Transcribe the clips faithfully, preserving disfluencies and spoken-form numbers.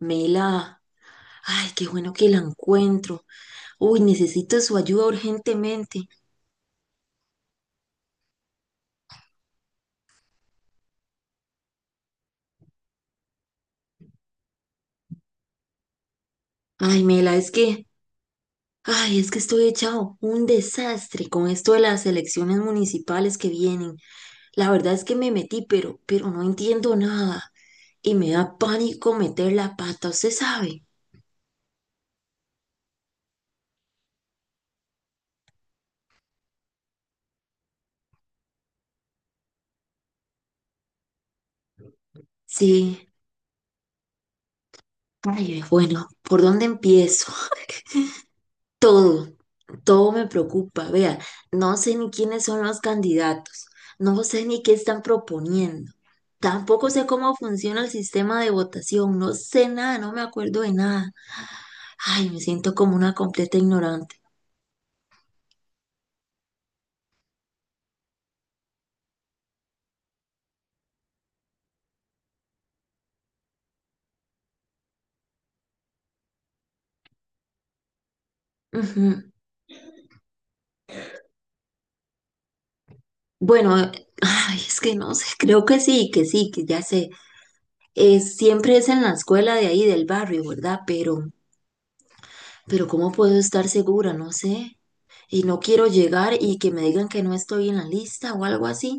Mela, ay, qué bueno que la encuentro. Uy, necesito su ayuda urgentemente. Ay, Mela, es que, ay, es que estoy echado un desastre con esto de las elecciones municipales que vienen. La verdad es que me metí, pero, pero no entiendo nada y me da pánico meter la pata, ¿usted sabe? Sí, ay, bueno, ¿por dónde empiezo? Todo, todo me preocupa. Vea, no sé ni quiénes son los candidatos, no sé ni qué están proponiendo, tampoco sé cómo funciona el sistema de votación, no sé nada, no me acuerdo de nada. Ay, me siento como una completa ignorante. Ujú. Bueno, ay, es que no sé, creo que sí, que sí, que ya sé. Es siempre es en la escuela de ahí del barrio, ¿verdad? Pero, pero ¿cómo puedo estar segura? No sé. Y no quiero llegar y que me digan que no estoy en la lista o algo así.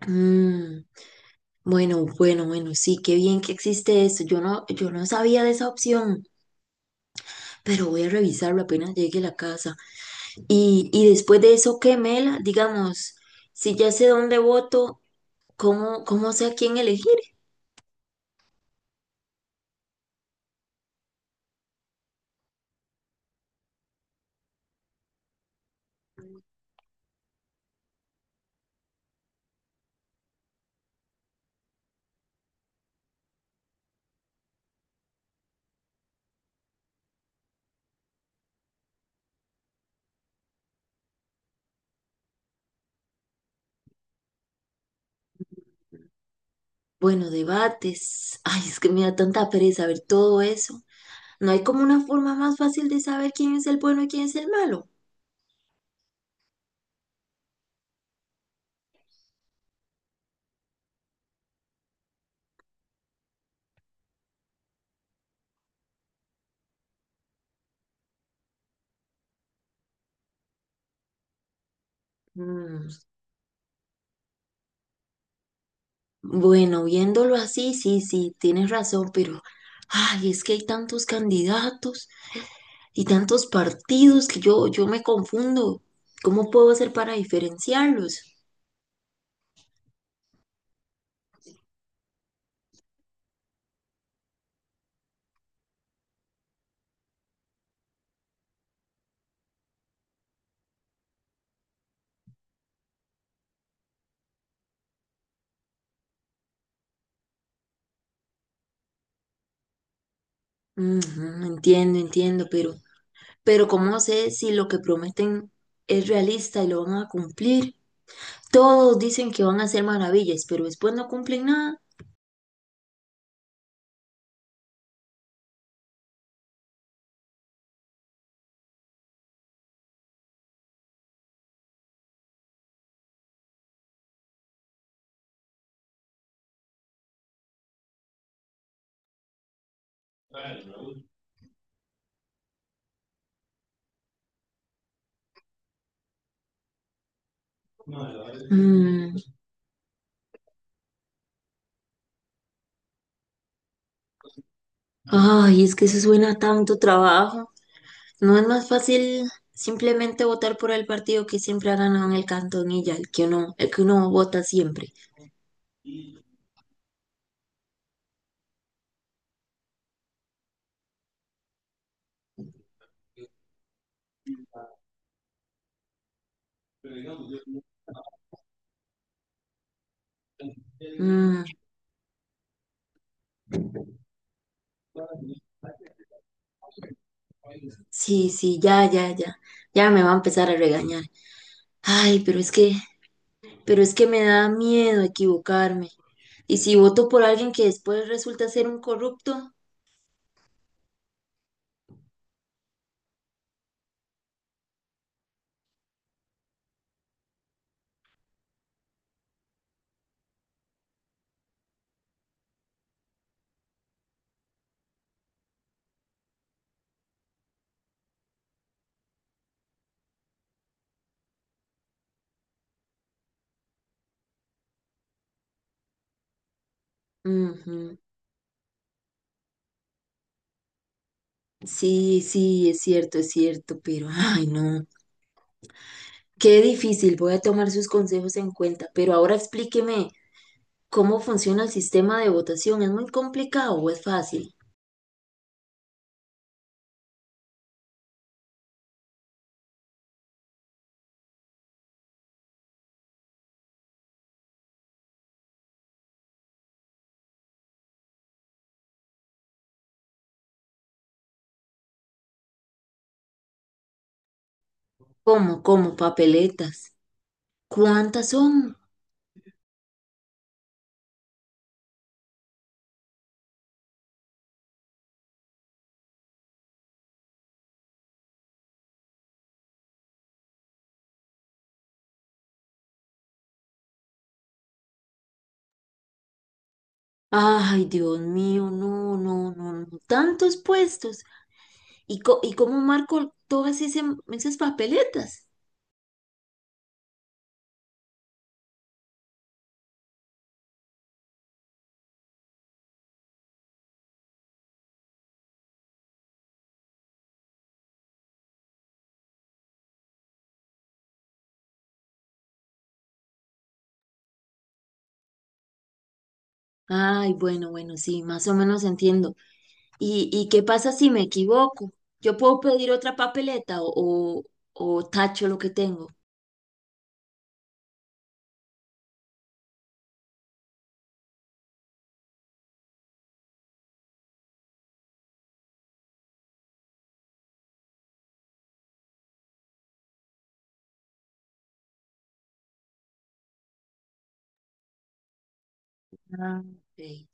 Mm, bueno, bueno, bueno, sí, qué bien que existe eso. Yo no, yo no sabía de esa opción, pero voy a revisarlo apenas llegue a la casa. Y, y después de eso, ¿qué, Mela? Digamos, si ya sé dónde voto, ¿cómo, cómo sé a quién elegir? Bueno, debates. Ay, es que me da tanta pereza ver todo eso. ¿No hay como una forma más fácil de saber quién es el bueno y quién es el malo? Mm, bueno, viéndolo así, sí, sí, tienes razón, pero... Ay, es que hay tantos candidatos. Y tantos partidos que yo, yo me confundo. ¿Cómo puedo hacer para diferenciarlos? Ujú, entiendo, entiendo, pero, pero ¿cómo sé si lo que prometen es realista y lo van a cumplir? Todos dicen que van a hacer maravillas, pero después no cumplen nada. Mm, ay, es que eso suena a tanto trabajo. ¿No es más fácil simplemente votar por el partido que siempre ha ganado en el cantón y ya, el que uno, el que uno vota siempre? Mm, sí, sí, ya, ya, ya. Ya me va a empezar a regañar. Ay, pero es que, pero es que me da miedo equivocarme. Y si voto por alguien que después resulta ser un corrupto. Ujú. Sí, sí, es cierto, es cierto, pero ay, no. Qué difícil, voy a tomar sus consejos en cuenta, pero ahora explíqueme cómo funciona el sistema de votación. ¿Es muy complicado o es fácil? ¿Cómo, cómo, papeletas? ¿Cuántas son? Ay, Dios mío, no, no, no, no, tantos puestos. ¿Y, co- y cómo marco todas ese- esas papeletas? Ay, bueno, bueno, sí, más o menos entiendo. ¿Y, y qué pasa si me equivoco? ¿Yo puedo pedir otra papeleta o, o, o tacho lo que tengo? Ah, ok.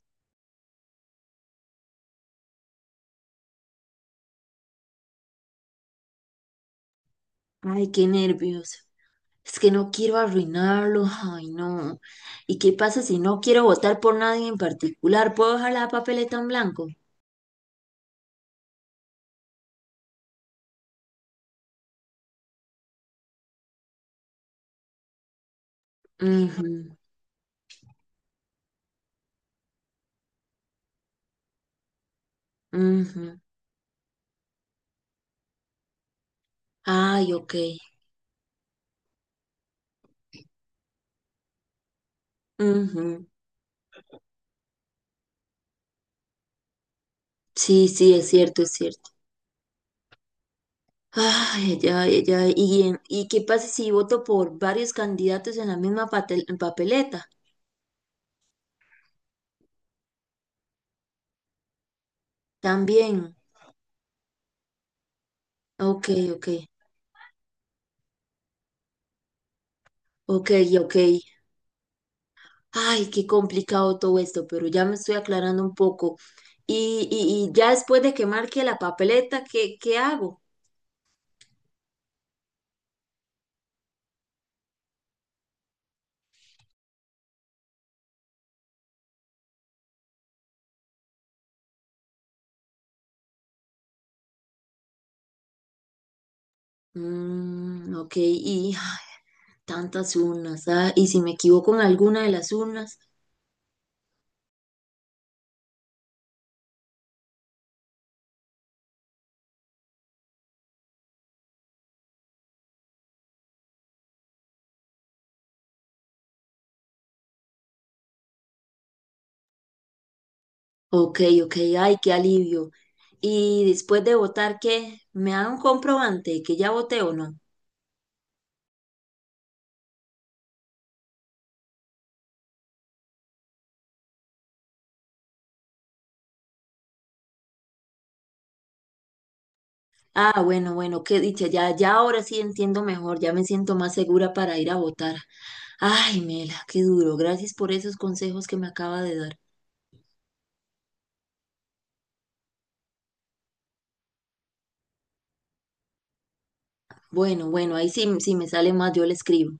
Ay, qué nervios. Es que no quiero arruinarlo. Ay, no. ¿Y qué pasa si no quiero votar por nadie en particular? ¿Puedo dejar la papeleta en blanco? Ujú, ujú. Ay, ok. Ujú. Sí, sí, es cierto, es cierto. Ay, ya, ya. ¿Y, en- y qué pasa si voto por varios candidatos en la misma patel- papeleta? También. Ok, ok. Ok, ok. Ay, qué complicado todo esto, pero ya me estoy aclarando un poco. Y, y, y ya después de que marque la papeleta, ¿qué, qué hago? Mm, ok, y tantas urnas. Ah, ¿y si me equivoco en alguna de las urnas? Ok, ok, ay, qué alivio. Y después de votar, ¿qué? ¿Me dan un comprobante que ya voté o no? Ah, bueno, bueno, qué dicha, ya, ya ahora sí entiendo mejor, ya me siento más segura para ir a votar. Ay, Mela, qué duro, gracias por esos consejos que me acaba de dar. Bueno, bueno, ahí sí, sí me sale más, yo le escribo.